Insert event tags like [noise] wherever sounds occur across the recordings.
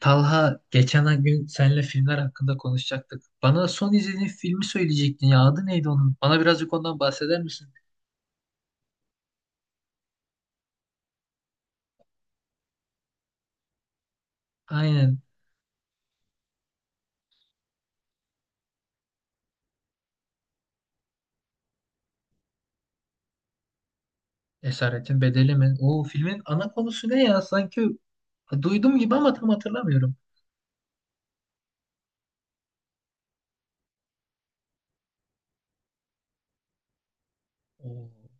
Talha geçen gün seninle filmler hakkında konuşacaktık. Bana son izlediğin filmi söyleyecektin ya. Adı neydi onun? Bana birazcık ondan bahseder misin? Aynen. Esaretin Bedeli mi? O filmin ana konusu ne ya? Sanki duydum gibi ama tam hatırlamıyorum. Oo,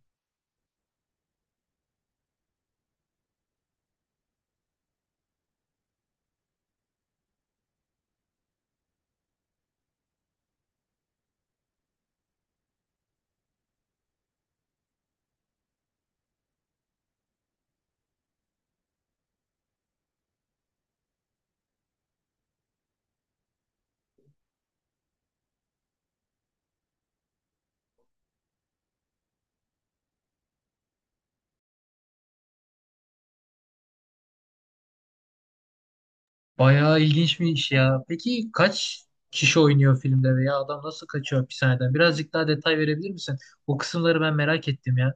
bayağı ilginçmiş ya. Peki kaç kişi oynuyor filmde veya adam nasıl kaçıyor hapishaneden? Birazcık daha detay verebilir misin? O kısımları ben merak ettim ya.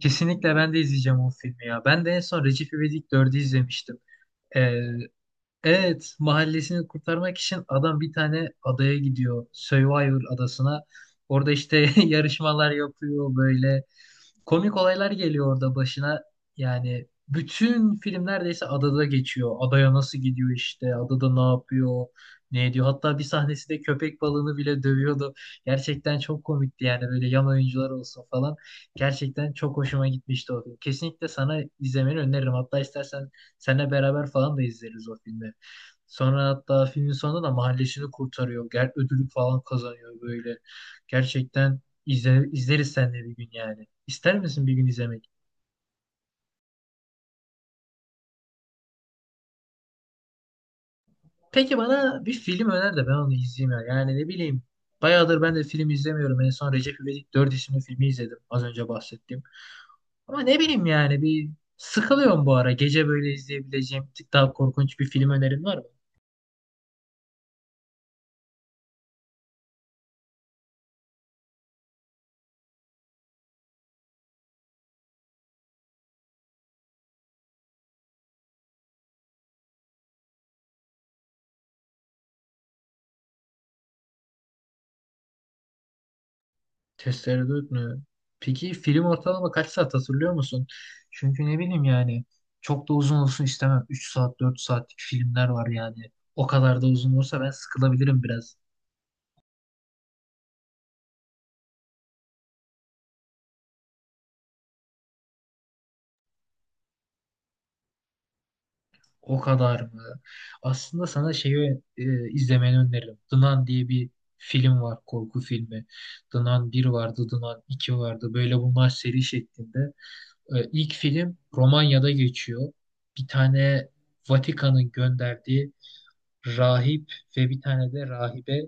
Kesinlikle ben de izleyeceğim o filmi ya. Ben de en son Recep İvedik 4'ü izlemiştim. Ee, Evet, mahallesini kurtarmak için adam bir tane adaya gidiyor. Survivor adasına. Orada işte [laughs] yarışmalar yapıyor böyle komik olaylar geliyor orada başına. Yani bütün film neredeyse adada geçiyor. Adaya nasıl gidiyor işte, adada ne yapıyor, ne ediyor. Hatta bir sahnesinde köpek balığını bile dövüyordu. Gerçekten çok komikti yani böyle yan oyuncular olsun falan. Gerçekten çok hoşuma gitmişti o film. Kesinlikle sana izlemeni öneririm. Hatta istersen seninle beraber falan da izleriz o filmi. Sonra hatta filmin sonunda da mahallesini kurtarıyor. Ödülü falan kazanıyor böyle. Gerçekten izleriz seninle bir gün yani. İster misin bir gün izlemek? Peki bana bir film öner de ben onu izleyeyim ya. Yani ne bileyim. Bayağıdır ben de film izlemiyorum. En son Recep İvedik 4 isimli filmi izledim. Az önce bahsettiğim. Ama ne bileyim yani bir sıkılıyorum bu ara. Gece böyle izleyebileceğim bir tık daha korkunç bir film önerin var mı? Tereddüt mü? Peki film ortalama kaç saat hatırlıyor musun? Çünkü ne bileyim yani çok da uzun olsun istemem. 3 saat 4 saatlik filmler var yani. O kadar da uzun olursa ben sıkılabilirim biraz. O kadar mı? Aslında sana şeyi izlemeni öneririm. The Nun diye bir film var, korku filmi. The Nun 1 vardı, The Nun 2 vardı. Böyle bunlar seri şeklinde. E, ilk film Romanya'da geçiyor. Bir tane Vatikan'ın gönderdiği rahip ve bir tane de rahibe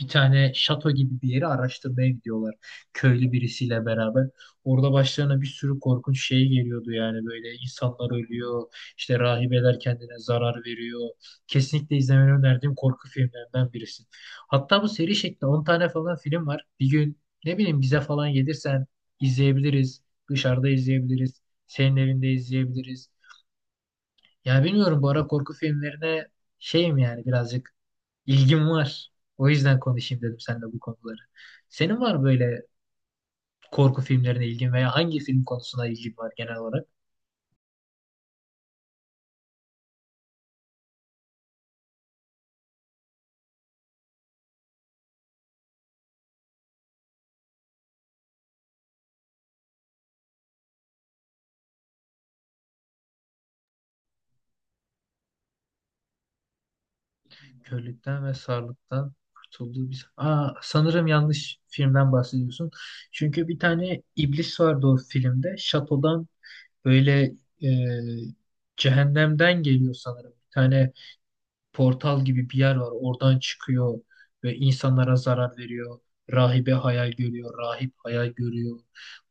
bir tane şato gibi bir yeri araştırmaya gidiyorlar. Köylü birisiyle beraber. Orada başlarına bir sürü korkunç şey geliyordu yani böyle insanlar ölüyor, işte rahibeler kendine zarar veriyor. Kesinlikle izlemeni önerdiğim korku filmlerinden birisi. Hatta bu seri şeklinde 10 tane falan film var. Bir gün ne bileyim bize falan gelirsen izleyebiliriz. Dışarıda izleyebiliriz. Senin evinde izleyebiliriz. Ya bilmiyorum bu ara korku filmlerine şeyim yani birazcık ilgim var. O yüzden konuşayım dedim seninle bu konuları. Senin var mı böyle korku filmlerine ilgin veya hangi film konusuna ilgin var genel olarak? Körlükten ve sarlıktan kurtulduğu bir... Aa, sanırım yanlış filmden bahsediyorsun. Çünkü bir tane iblis vardı o filmde. Şatodan böyle e, cehennemden geliyor sanırım. Bir tane portal gibi bir yer var. Oradan çıkıyor ve insanlara zarar veriyor. Rahibe hayal görüyor, rahip hayal görüyor.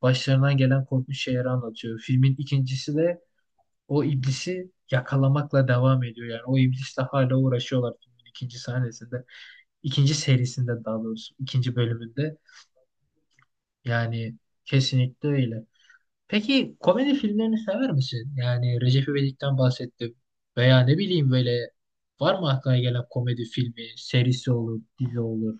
Başlarından gelen korkunç şeyleri anlatıyor. Filmin ikincisi de o iblisi yakalamakla devam ediyor. Yani o iblisle hala uğraşıyorlar filmin ikinci sahnesinde. İkinci serisinde daha doğrusu, ikinci bölümünde. Yani kesinlikle öyle. Peki komedi filmlerini sever misin? Yani Recep İvedik'ten bahsettim. Veya ne bileyim böyle var mı aklına gelen komedi filmi, serisi olur, dizi olur?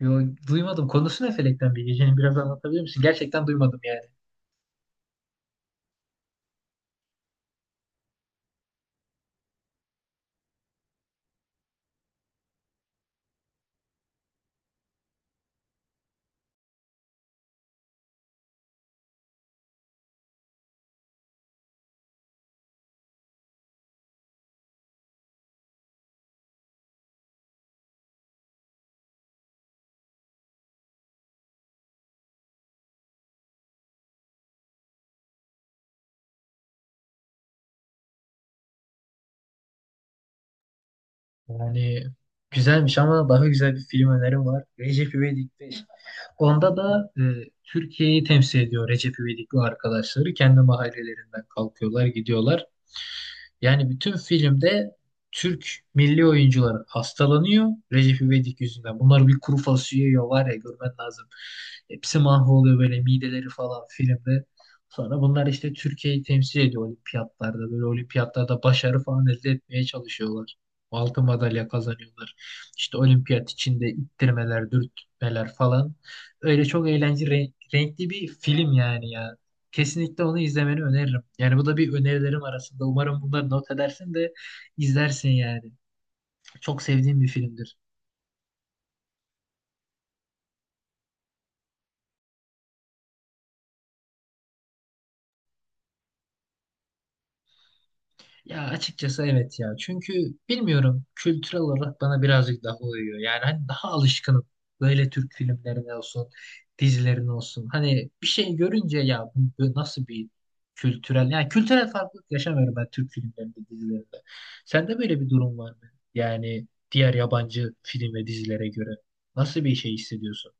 Yo, duymadım. Konusu ne Felekten Bilgece'nin [laughs] biraz anlatabilir misin? Gerçekten duymadım yani. Yani güzelmiş ama daha güzel bir film önerim var. Recep İvedik'te onda da Türkiye'yi temsil ediyor Recep İvedik ve arkadaşları. Kendi mahallelerinden kalkıyorlar, gidiyorlar. Yani bütün filmde Türk milli oyuncuları hastalanıyor Recep İvedik yüzünden. Bunlar bir kuru fasulye yiyor var ya görmen lazım. Hepsi mahvoluyor böyle mideleri falan filmde. Sonra bunlar işte Türkiye'yi temsil ediyor olimpiyatlarda. Böyle olimpiyatlarda başarı falan elde etmeye çalışıyorlar. Altın madalya kazanıyorlar. İşte olimpiyat içinde ittirmeler, dürtmeler falan. Öyle çok eğlenceli, renkli bir film yani ya. Kesinlikle onu izlemeni öneririm. Yani bu da bir önerilerim arasında. Umarım bunları not edersin de izlersin yani. Çok sevdiğim bir filmdir. Ya açıkçası evet ya. Çünkü bilmiyorum kültürel olarak bana birazcık daha uyuyor. Yani hani daha alışkınım. Böyle Türk filmlerine olsun, dizilerine olsun. Hani bir şey görünce ya bu nasıl bir kültürel yani kültürel farklılık yaşamıyorum ben Türk filmlerinde, dizilerinde. Sende böyle bir durum var mı? Yani diğer yabancı film ve dizilere göre nasıl bir şey hissediyorsun?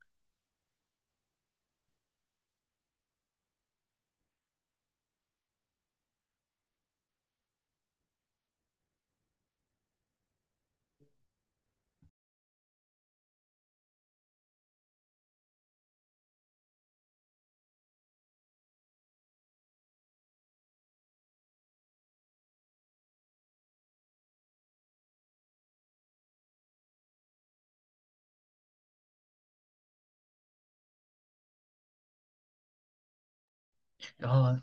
Ya,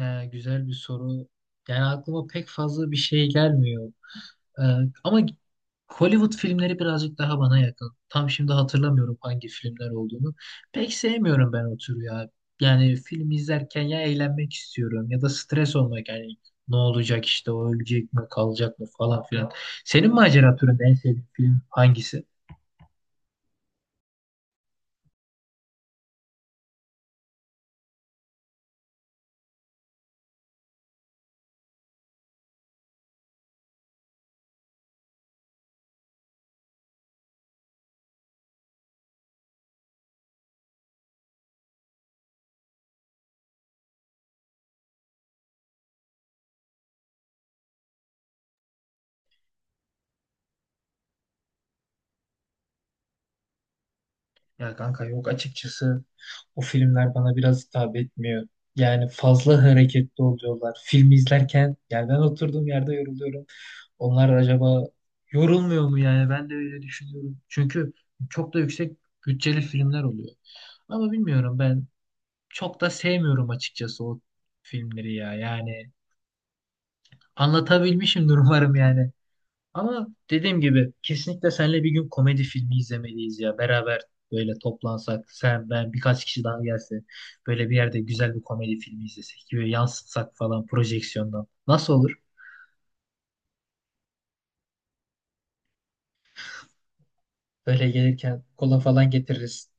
güzel bir soru. Yani aklıma pek fazla bir şey gelmiyor. Ee, ama Hollywood filmleri birazcık daha bana yakın. Tam şimdi hatırlamıyorum hangi filmler olduğunu. Pek sevmiyorum ben o türü ya. Yani film izlerken ya eğlenmek istiyorum ya da stres olmak yani ne olacak işte o ölecek mi kalacak mı falan filan. Senin macera türünde en sevdiğin film hangisi? Ya kanka yok açıkçası o filmler bana biraz hitap etmiyor. Yani fazla hareketli oluyorlar. Film izlerken yani ben oturduğum yerde yoruluyorum. Onlar acaba yorulmuyor mu yani? Ben de öyle düşünüyorum. Çünkü çok da yüksek bütçeli filmler oluyor. Ama bilmiyorum ben çok da sevmiyorum açıkçası o filmleri ya. Yani anlatabilmişimdir [laughs] umarım yani. Ama dediğim gibi kesinlikle seninle bir gün komedi filmi izlemeliyiz ya. Beraber böyle toplansak sen ben birkaç kişi daha gelse böyle bir yerde güzel bir komedi filmi izlesek böyle yansıtsak falan projeksiyondan. Nasıl olur? Böyle gelirken kola falan getiririz.